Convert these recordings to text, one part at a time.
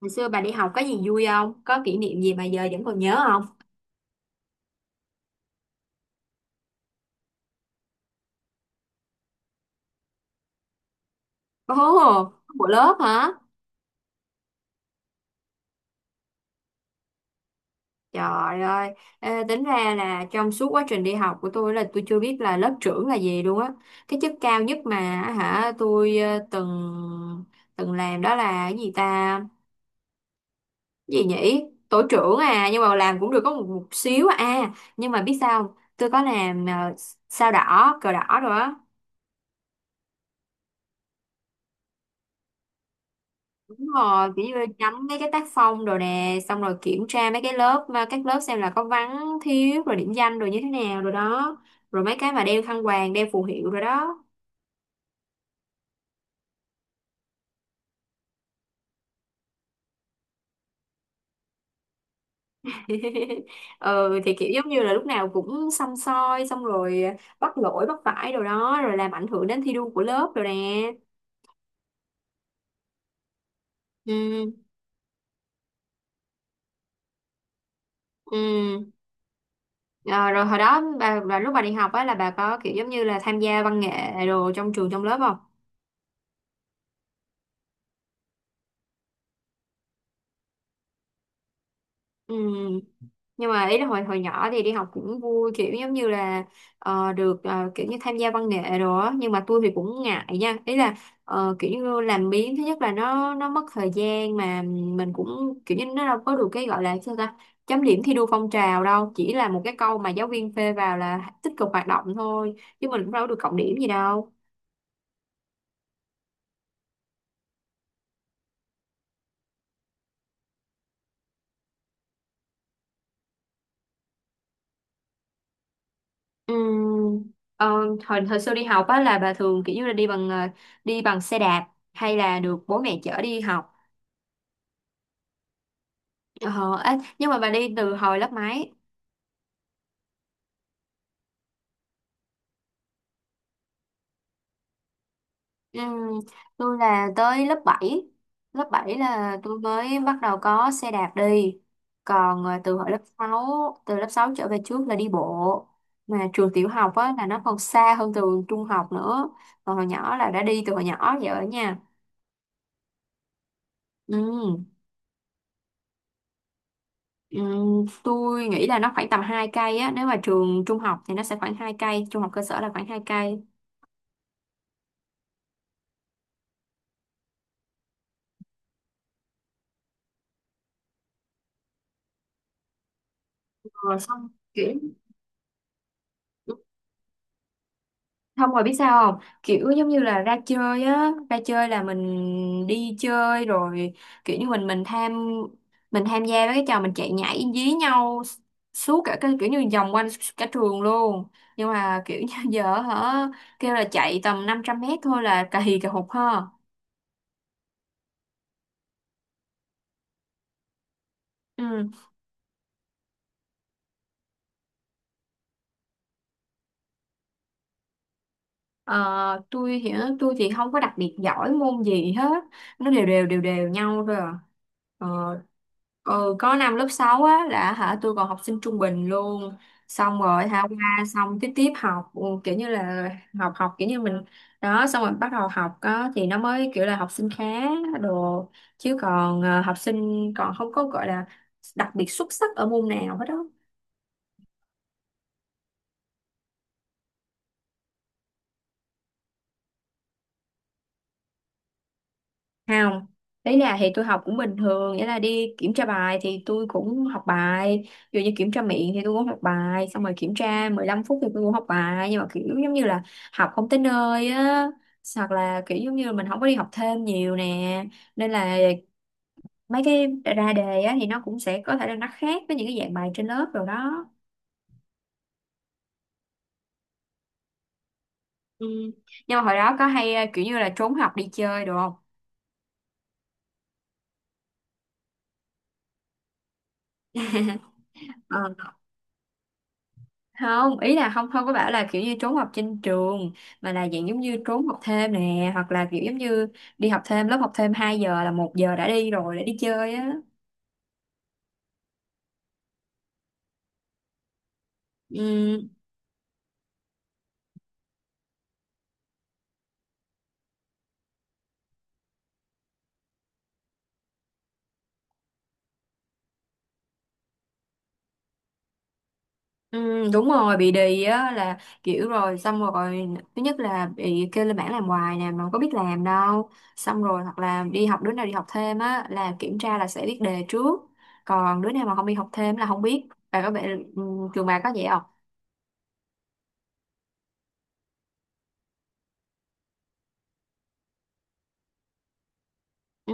Hồi xưa bà đi học có gì vui không? Có kỷ niệm gì mà giờ vẫn còn nhớ không? Ồ, của lớp hả? Trời ơi, ê, tính ra là trong suốt quá trình đi học của tôi là tôi chưa biết là lớp trưởng là gì luôn á. Cái chức cao nhất mà tôi từng từng làm đó là cái gì ta? Cái gì nhỉ? Tổ trưởng à, nhưng mà làm cũng được có một xíu à. À, nhưng mà biết sao không? Tôi có làm sao đỏ, cờ đỏ rồi á. Đúng rồi, kiểu như nhắm mấy cái tác phong rồi nè, xong rồi kiểm tra mấy cái lớp, mà các lớp xem là có vắng, thiếu, rồi điểm danh rồi như thế nào rồi đó. Rồi mấy cái mà đeo khăn quàng, đeo phù hiệu rồi đó. Ừ, thì kiểu giống như là lúc nào cũng xăm soi, xong rồi bắt lỗi, bắt phải rồi đó, rồi làm ảnh hưởng đến thi đua của lớp rồi nè. Ừ, ừ. Ờ, rồi hồi đó, lúc bà đi học á là bà có kiểu giống như là tham gia văn nghệ đồ trong trường, trong lớp không? Ừ. Nhưng mà ý là hồi hồi nhỏ thì đi học cũng vui, kiểu giống như là được kiểu như tham gia văn nghệ đồ á, nhưng mà tôi thì cũng ngại nha, ý là kiểu như làm biếng. Thứ nhất là nó mất thời gian, mà mình cũng kiểu như nó đâu có được cái gọi là sao ta, chấm điểm thi đua phong trào đâu, chỉ là một cái câu mà giáo viên phê vào là tích cực hoạt động thôi, chứ mình cũng đâu có được cộng điểm gì đâu. Ừm, ờ, hồi hồi xưa đi học á là bà thường kiểu như là đi bằng đi bằng xe đạp hay là được bố mẹ chở đi học? Ờ, ê, nhưng mà bà đi từ hồi lớp mấy? Ừ, tôi là tới lớp bảy. Lớp 7 là tôi mới bắt đầu có xe đạp đi. Còn từ lớp 6 trở về trước là đi bộ. Mà trường tiểu học á, là nó còn xa hơn trường trung học nữa. Còn hồi nhỏ là đã đi từ hồi nhỏ vậy ở nhà. Ừ, ừ, tôi nghĩ là nó khoảng tầm 2 cây á. Nếu mà trường trung học thì nó sẽ khoảng 2 cây. Trung học cơ sở là khoảng 2 cây. Rồi xong kiểu Không, rồi biết sao không? Kiểu giống như là ra chơi á, ra chơi là mình đi chơi rồi, kiểu như mình tham gia với cái trò mình chạy nhảy dí nhau suốt cả cái, kiểu như vòng quanh cả trường luôn. Nhưng mà kiểu như giờ kêu là chạy tầm 500 mét thôi là cà hì cà hụt ha. Ừ. Ờ, tôi thì tôi thì không có đặc biệt giỏi môn gì hết, nó đều đều đều đều nhau thôi à. ờ, ừ, có năm lớp 6 á là tôi còn học sinh trung bình luôn, xong rồi qua xong tiếp tiếp học, kiểu như là học học kiểu như mình đó, xong rồi bắt đầu học á thì nó mới kiểu là học sinh khá đồ, chứ còn học sinh còn không có gọi là đặc biệt xuất sắc ở môn nào hết đó. Không, đấy là thì tôi học cũng bình thường, nghĩa là đi kiểm tra bài thì tôi cũng học bài, dù như kiểm tra miệng thì tôi cũng học bài, xong rồi kiểm tra 15 phút thì tôi cũng học bài, nhưng mà kiểu giống như là học không tới nơi á, hoặc là kiểu giống như là mình không có đi học thêm nhiều nè, nên là mấy cái ra đề á thì nó cũng sẽ có thể là nó khác với những cái dạng bài trên lớp rồi đó. Ừ. Nhưng mà hồi đó có hay kiểu như là trốn học đi chơi được không? Ờ. Không, ý là không không có bảo là kiểu như trốn học trên trường, mà là dạng giống như trốn học thêm nè, hoặc là kiểu giống như đi học thêm lớp học thêm 2 giờ là 1 giờ đã đi rồi, đã đi chơi á. Ừ, ừ, đúng rồi, bị đì á, là kiểu rồi xong rồi thứ nhất là bị kêu lên bảng làm hoài nè mà không có biết làm đâu, xong rồi hoặc là đi học đứa nào đi học thêm á là kiểm tra là sẽ biết đề trước, còn đứa nào mà không đi học thêm là không biết, và có vẻ ừ, trường bà có vậy. Ừ.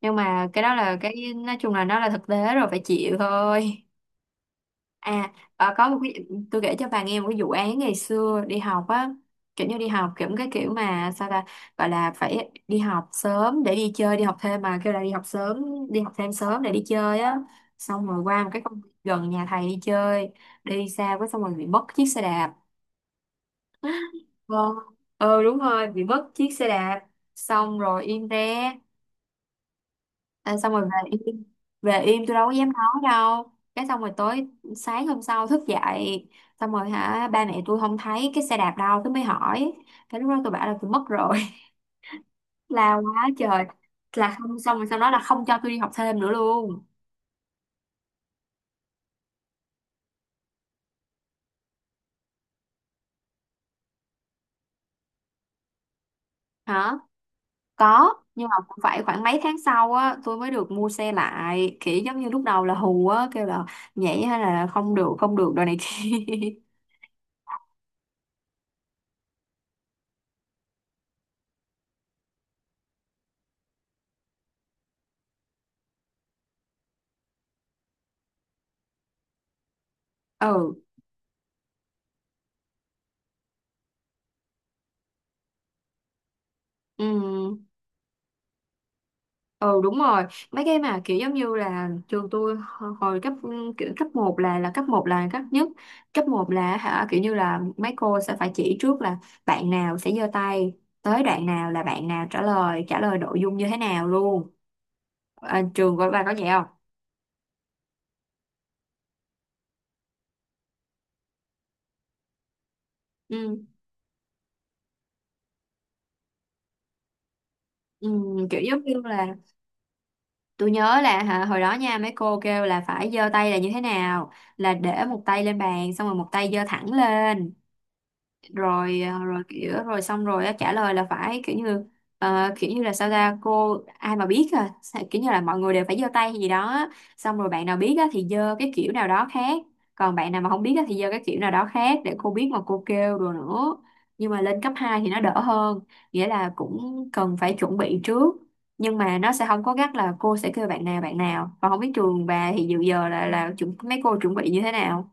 Nhưng mà cái đó là cái nói chung là nó là thực tế rồi phải chịu thôi. À, ờ, có một cái tôi kể cho bà nghe một cái vụ án ngày xưa đi học á, kiểu như đi học kiểu cái kiểu mà sao ta gọi là phải đi học sớm để đi chơi, đi học thêm mà kêu là đi học sớm, đi học thêm sớm để đi chơi á. Xong rồi qua một cái công viên gần nhà thầy đi chơi, đi xa quá xong rồi bị mất chiếc xe đạp. Vâng. Ừ đúng rồi, bị mất chiếc xe đạp. Xong rồi im re. À, xong rồi về im tôi đâu có dám nói đâu, cái xong rồi sáng hôm sau thức dậy, xong rồi ba mẹ tôi không thấy cái xe đạp đâu tôi mới hỏi, cái lúc đó tôi bảo là tôi mất rồi. La quá trời. Là không, xong rồi sau đó là không cho tôi đi học thêm nữa luôn. Hả, có, nhưng mà cũng phải khoảng mấy tháng sau á tôi mới được mua xe lại, kiểu giống như lúc đầu là hù á, kêu là nhảy hay là không được không được đồ này kia. Ừ, ừ, ừ, đúng rồi, mấy cái mà kiểu giống như là trường tôi hồi cấp, kiểu cấp một là cấp một là cấp nhất, cấp một là kiểu như là mấy cô sẽ phải chỉ trước là bạn nào sẽ giơ tay, tới đoạn nào là bạn nào trả lời nội dung như thế nào luôn. À, trường của bà có vậy không? Ừ, ừ, kiểu giống như là tôi nhớ là hồi đó nha mấy cô kêu là phải giơ tay là như thế nào, là để một tay lên bàn xong rồi một tay giơ thẳng lên, rồi kiểu rồi xong rồi á, trả lời là phải kiểu như kiểu như là sao ta, cô ai mà biết, à kiểu như là mọi người đều phải giơ tay hay gì đó á, xong rồi bạn nào biết á thì giơ cái kiểu nào đó khác, còn bạn nào mà không biết á thì giơ cái kiểu nào đó khác để cô biết mà cô kêu rồi nữa. Nhưng mà lên cấp hai thì nó đỡ hơn, nghĩa là cũng cần phải chuẩn bị trước, nhưng mà nó sẽ không có gắt là cô sẽ kêu bạn nào và không biết. Trường bà thì dự giờ là chuẩn, mấy cô chuẩn bị như thế nào?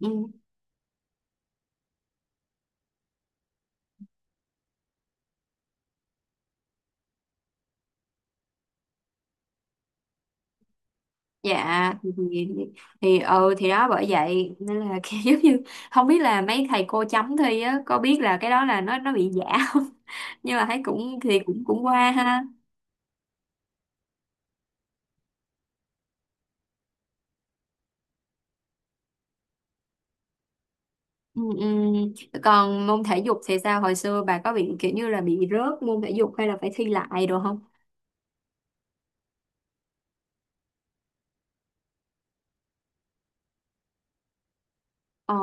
Ừ. Dạ thì đó bởi vậy nên là kiểu giống như không biết là mấy thầy cô chấm thi á có biết là cái đó là nó bị giả không, nhưng mà thấy cũng thì cũng cũng qua ha. Ừ, ừ. Còn môn thể dục thì sao, hồi xưa bà có bị kiểu như là bị rớt môn thể dục hay là phải thi lại đồ không? Ờ,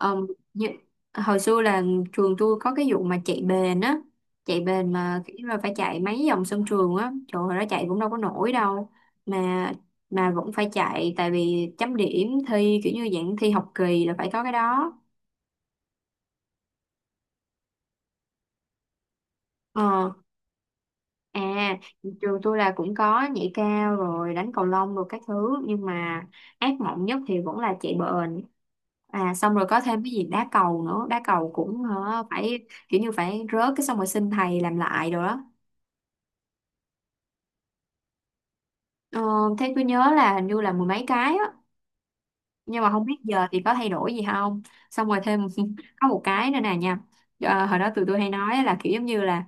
um, như, hồi xưa là trường tôi có cái vụ mà chạy bền á, chạy bền mà kiểu là phải chạy mấy vòng sân trường á, trời ơi, nó chạy cũng đâu có nổi đâu, mà vẫn phải chạy tại vì chấm điểm thi kiểu như dạng thi học kỳ là phải có cái đó. Ờ, à, trường tôi là cũng có nhảy cao rồi đánh cầu lông rồi các thứ, nhưng mà ác mộng nhất thì vẫn là chạy bền. Xong rồi có thêm cái gì đá cầu nữa, đá cầu cũng hả, phải kiểu như phải rớt cái xong rồi xin thầy làm lại rồi đó. ờ, thế tôi nhớ là hình như là mười mấy cái á, nhưng mà không biết giờ thì có thay đổi gì không. Xong rồi thêm có một cái nữa nè nha, hồi đó tụi tôi hay nói là kiểu giống như là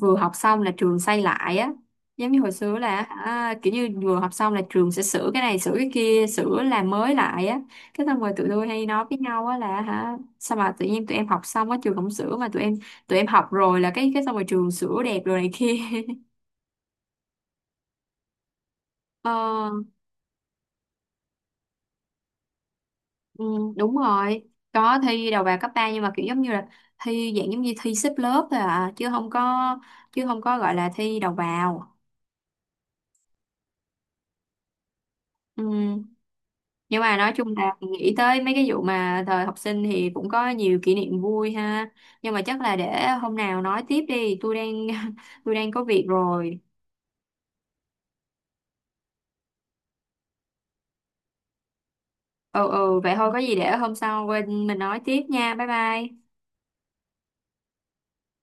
vừa học xong là trường xây lại á, giống như hồi xưa là kiểu như vừa học xong là trường sẽ sửa cái này sửa cái kia sửa làm mới lại á, cái xong rồi tụi tôi hay nói với nhau á là sao mà tự nhiên tụi em học xong á trường không sửa, mà tụi em học rồi là cái xong rồi trường sửa đẹp rồi này kia. Ờ, ừ, đúng rồi, có thi đầu vào cấp 3 nhưng mà kiểu giống như là thi dạng giống như thi xếp lớp thôi à, chứ không có gọi là thi đầu vào. Ừ. Nhưng mà nói chung là nghĩ tới mấy cái vụ mà thời học sinh thì cũng có nhiều kỷ niệm vui ha. Nhưng mà chắc là để hôm nào nói tiếp đi, tôi đang tôi đang có việc rồi. Ừ, ừ, vậy thôi có gì để hôm sau quên mình nói tiếp nha. Bye bye.